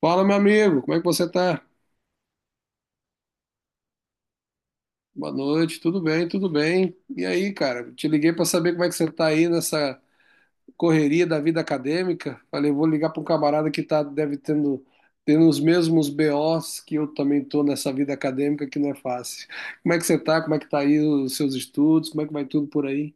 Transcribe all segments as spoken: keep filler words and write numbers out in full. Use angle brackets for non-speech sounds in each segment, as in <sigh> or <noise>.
Fala, meu amigo, como é que você tá? Boa noite, tudo bem, tudo bem. E aí, cara, te liguei para saber como é que você tá aí nessa correria da vida acadêmica. Falei, vou ligar para um camarada que tá, deve tendo, tendo os mesmos B Os que eu também tô nessa vida acadêmica que não é fácil. Como é que você tá? Como é que tá aí os seus estudos? Como é que vai tudo por aí?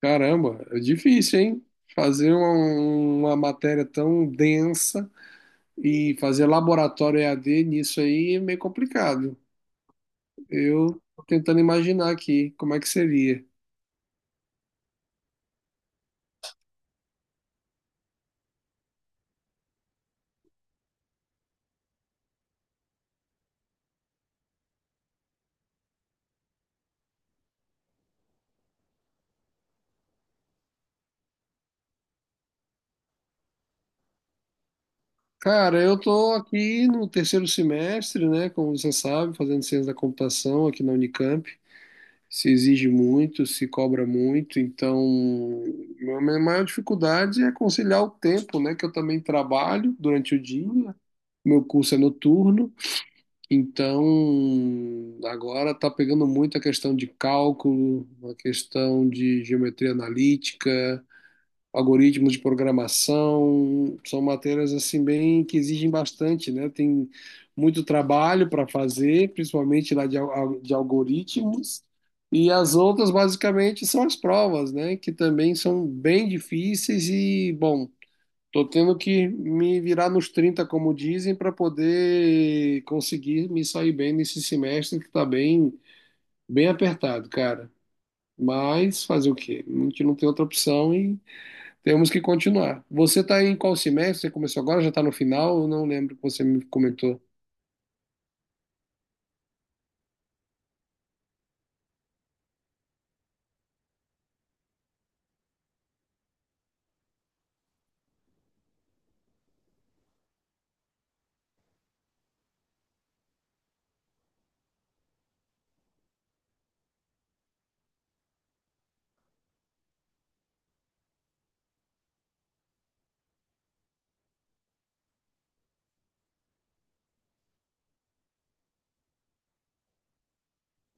Caramba, é difícil, hein? Fazer uma, uma matéria tão densa e fazer laboratório e EAD nisso aí é meio complicado. Eu tô tentando imaginar aqui como é que seria. Cara, eu tô aqui no terceiro semestre, né? Como você sabe, fazendo ciência da computação aqui na Unicamp. Se exige muito, se cobra muito, então a minha maior dificuldade é conciliar o tempo, né? Que eu também trabalho durante o dia. Meu curso é noturno, então agora está pegando muito a questão de cálculo, a questão de geometria analítica, algoritmos de programação, são matérias assim bem que exigem bastante, né? Tem muito trabalho para fazer, principalmente lá de, al- de algoritmos, e as outras basicamente são as provas, né? Que também são bem difíceis e, bom, tô tendo que me virar nos trinta, como dizem, para poder conseguir me sair bem nesse semestre que está bem, bem apertado, cara. Mas fazer o quê? A gente não tem outra opção e temos que continuar. Você está em qual semestre? Você começou agora? Já está no final? Eu não lembro que você me comentou.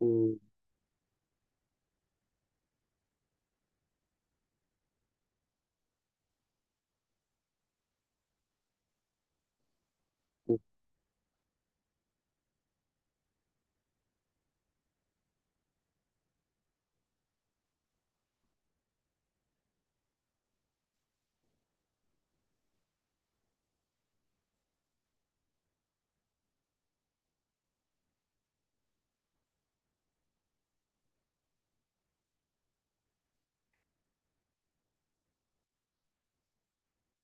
Hum.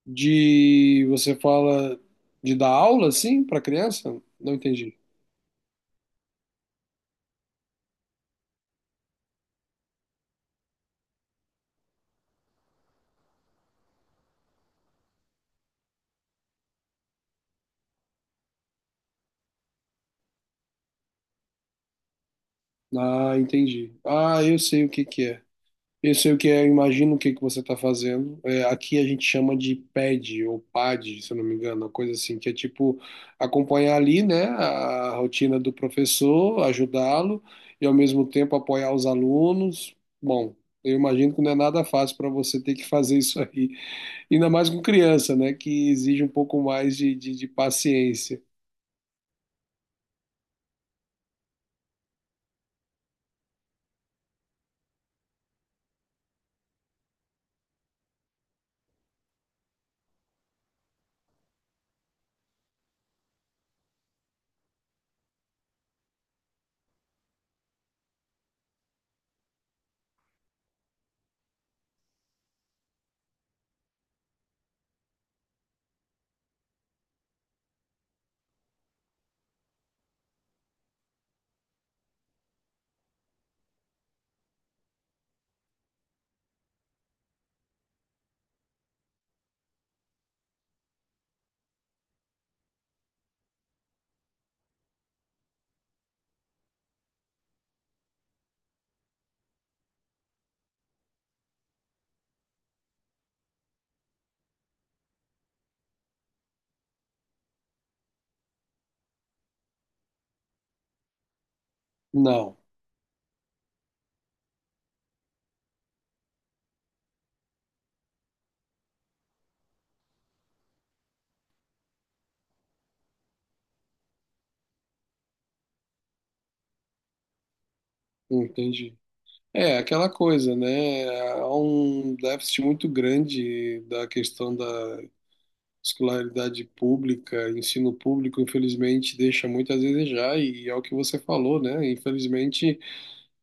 De você fala de dar aula, assim, para criança? Não entendi. Ah, entendi. Ah, eu sei o que que é. Eu sei o que é, eu imagino o que que você está fazendo. É, aqui a gente chama de pad ou pad, se eu não me engano, uma coisa assim, que é tipo acompanhar ali, né, a rotina do professor, ajudá-lo e ao mesmo tempo apoiar os alunos. Bom, eu imagino que não é nada fácil para você ter que fazer isso aí, ainda mais com criança, né, que exige um pouco mais de, de, de paciência. Não, entendi. É aquela coisa, né? Há um déficit muito grande da questão da escolaridade pública, ensino público, infelizmente, deixa muito a desejar, e é o que você falou, né? Infelizmente,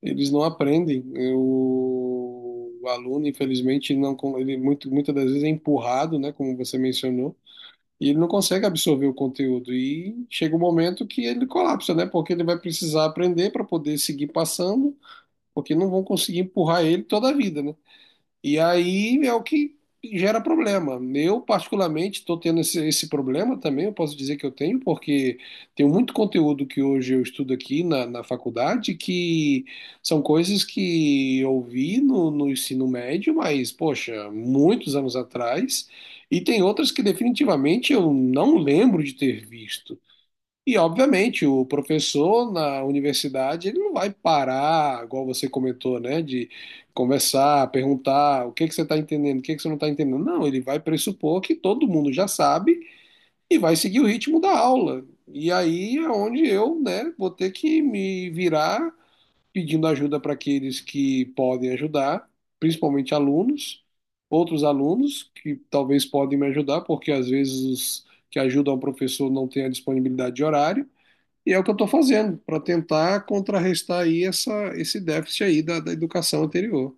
eles não aprendem. O, o aluno, infelizmente, não, con- ele muito, muitas das vezes é empurrado, né? Como você mencionou, e ele não consegue absorver o conteúdo. E chega um momento que ele colapsa, né? Porque ele vai precisar aprender para poder seguir passando, porque não vão conseguir empurrar ele toda a vida, né? E aí é o que gera problema. Eu, particularmente, estou tendo esse, esse problema também, eu posso dizer que eu tenho, porque tem muito conteúdo que hoje eu estudo aqui na, na faculdade que são coisas que eu vi no, no ensino médio, mas, poxa, muitos anos atrás, e tem outras que definitivamente eu não lembro de ter visto. E, obviamente, o professor na universidade, ele não vai parar, igual você comentou, né, de conversar, perguntar o que que você está entendendo, o que que você não está entendendo. Não, ele vai pressupor que todo mundo já sabe e vai seguir o ritmo da aula. E aí é onde eu, né, vou ter que me virar pedindo ajuda para aqueles que podem ajudar, principalmente alunos, outros alunos que talvez podem me ajudar, porque às vezes os que ajudam o professor não têm a disponibilidade de horário. E é o que eu estou fazendo para tentar contrarrestar aí essa, esse déficit aí da, da educação anterior.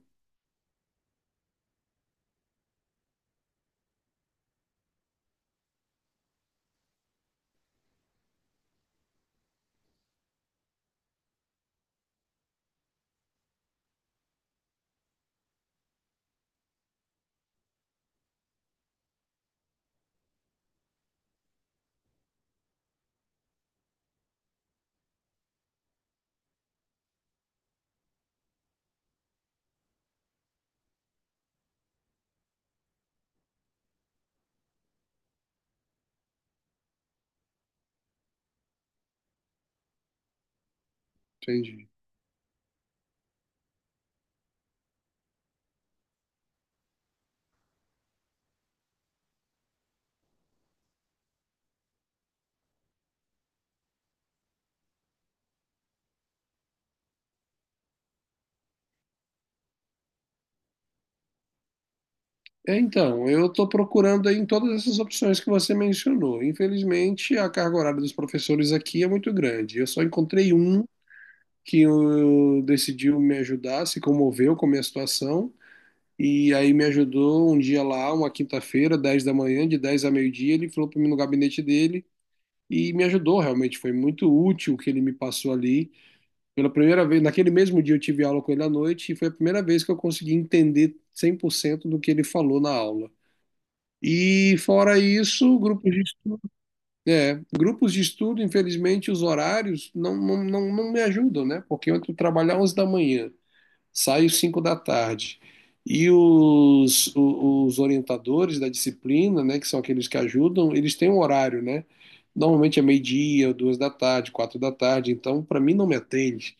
Entendi. É, então, eu estou procurando aí em todas essas opções que você mencionou. Infelizmente, a carga horária dos professores aqui é muito grande. Eu só encontrei um que eu- decidiu me ajudar, se comoveu com a minha situação, e aí me ajudou um dia lá, uma quinta-feira, dez da manhã, de dez a meio-dia, ele falou para mim no gabinete dele e me ajudou, realmente foi muito útil o que ele me passou ali. Pela primeira vez, naquele mesmo dia eu tive aula com ele à noite e foi a primeira vez que eu consegui entender cem por cento do que ele falou na aula. E fora isso, grupos de estudo, é, grupos de estudo, infelizmente, os horários não, não, não, não me ajudam, né? Porque eu entro trabalhar onze da manhã, saio cinco da tarde. E os, o- os orientadores da disciplina, né, que são aqueles que ajudam, eles têm um horário, né? Normalmente é meio-dia, duas da tarde, quatro da tarde, então para mim não me atende.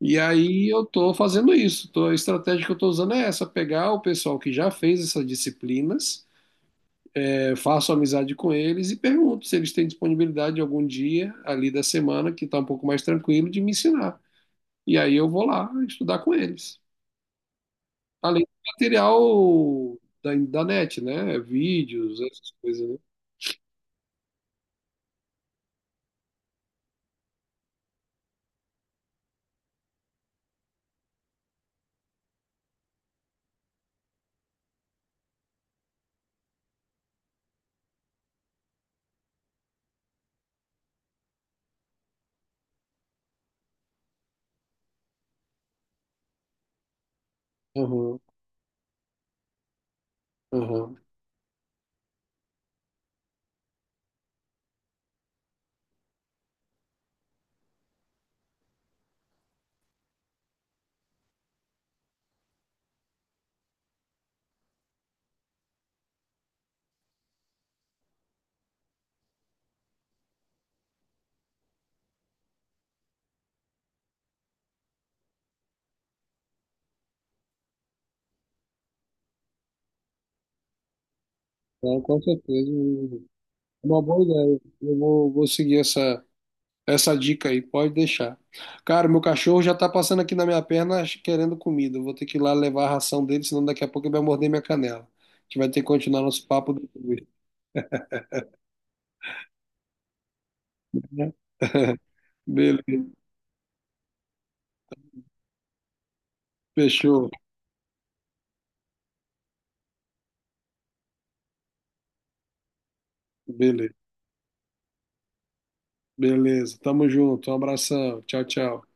E aí eu estou fazendo isso. Tô- a estratégia que eu estou usando é essa: pegar o pessoal que já fez essas disciplinas, é, faço amizade com eles e pergunto se eles têm disponibilidade algum dia ali da semana que está um pouco mais tranquilo de me ensinar. E aí eu vou lá estudar com eles. Além do material da, da net, né? Vídeos, essas coisas, né? Aham, aham. Então, com certeza. É uma boa ideia. Eu vou, vou seguir essa. Essa dica aí, pode deixar. Cara, meu cachorro já tá passando aqui na minha perna querendo comida. Eu vou ter que ir lá levar a ração dele, senão daqui a pouco ele vai morder minha canela. A gente vai ter que continuar nosso papo depois. <laughs> Beleza, fechou. Beleza, beleza. Tamo junto. Um abração. Tchau, tchau.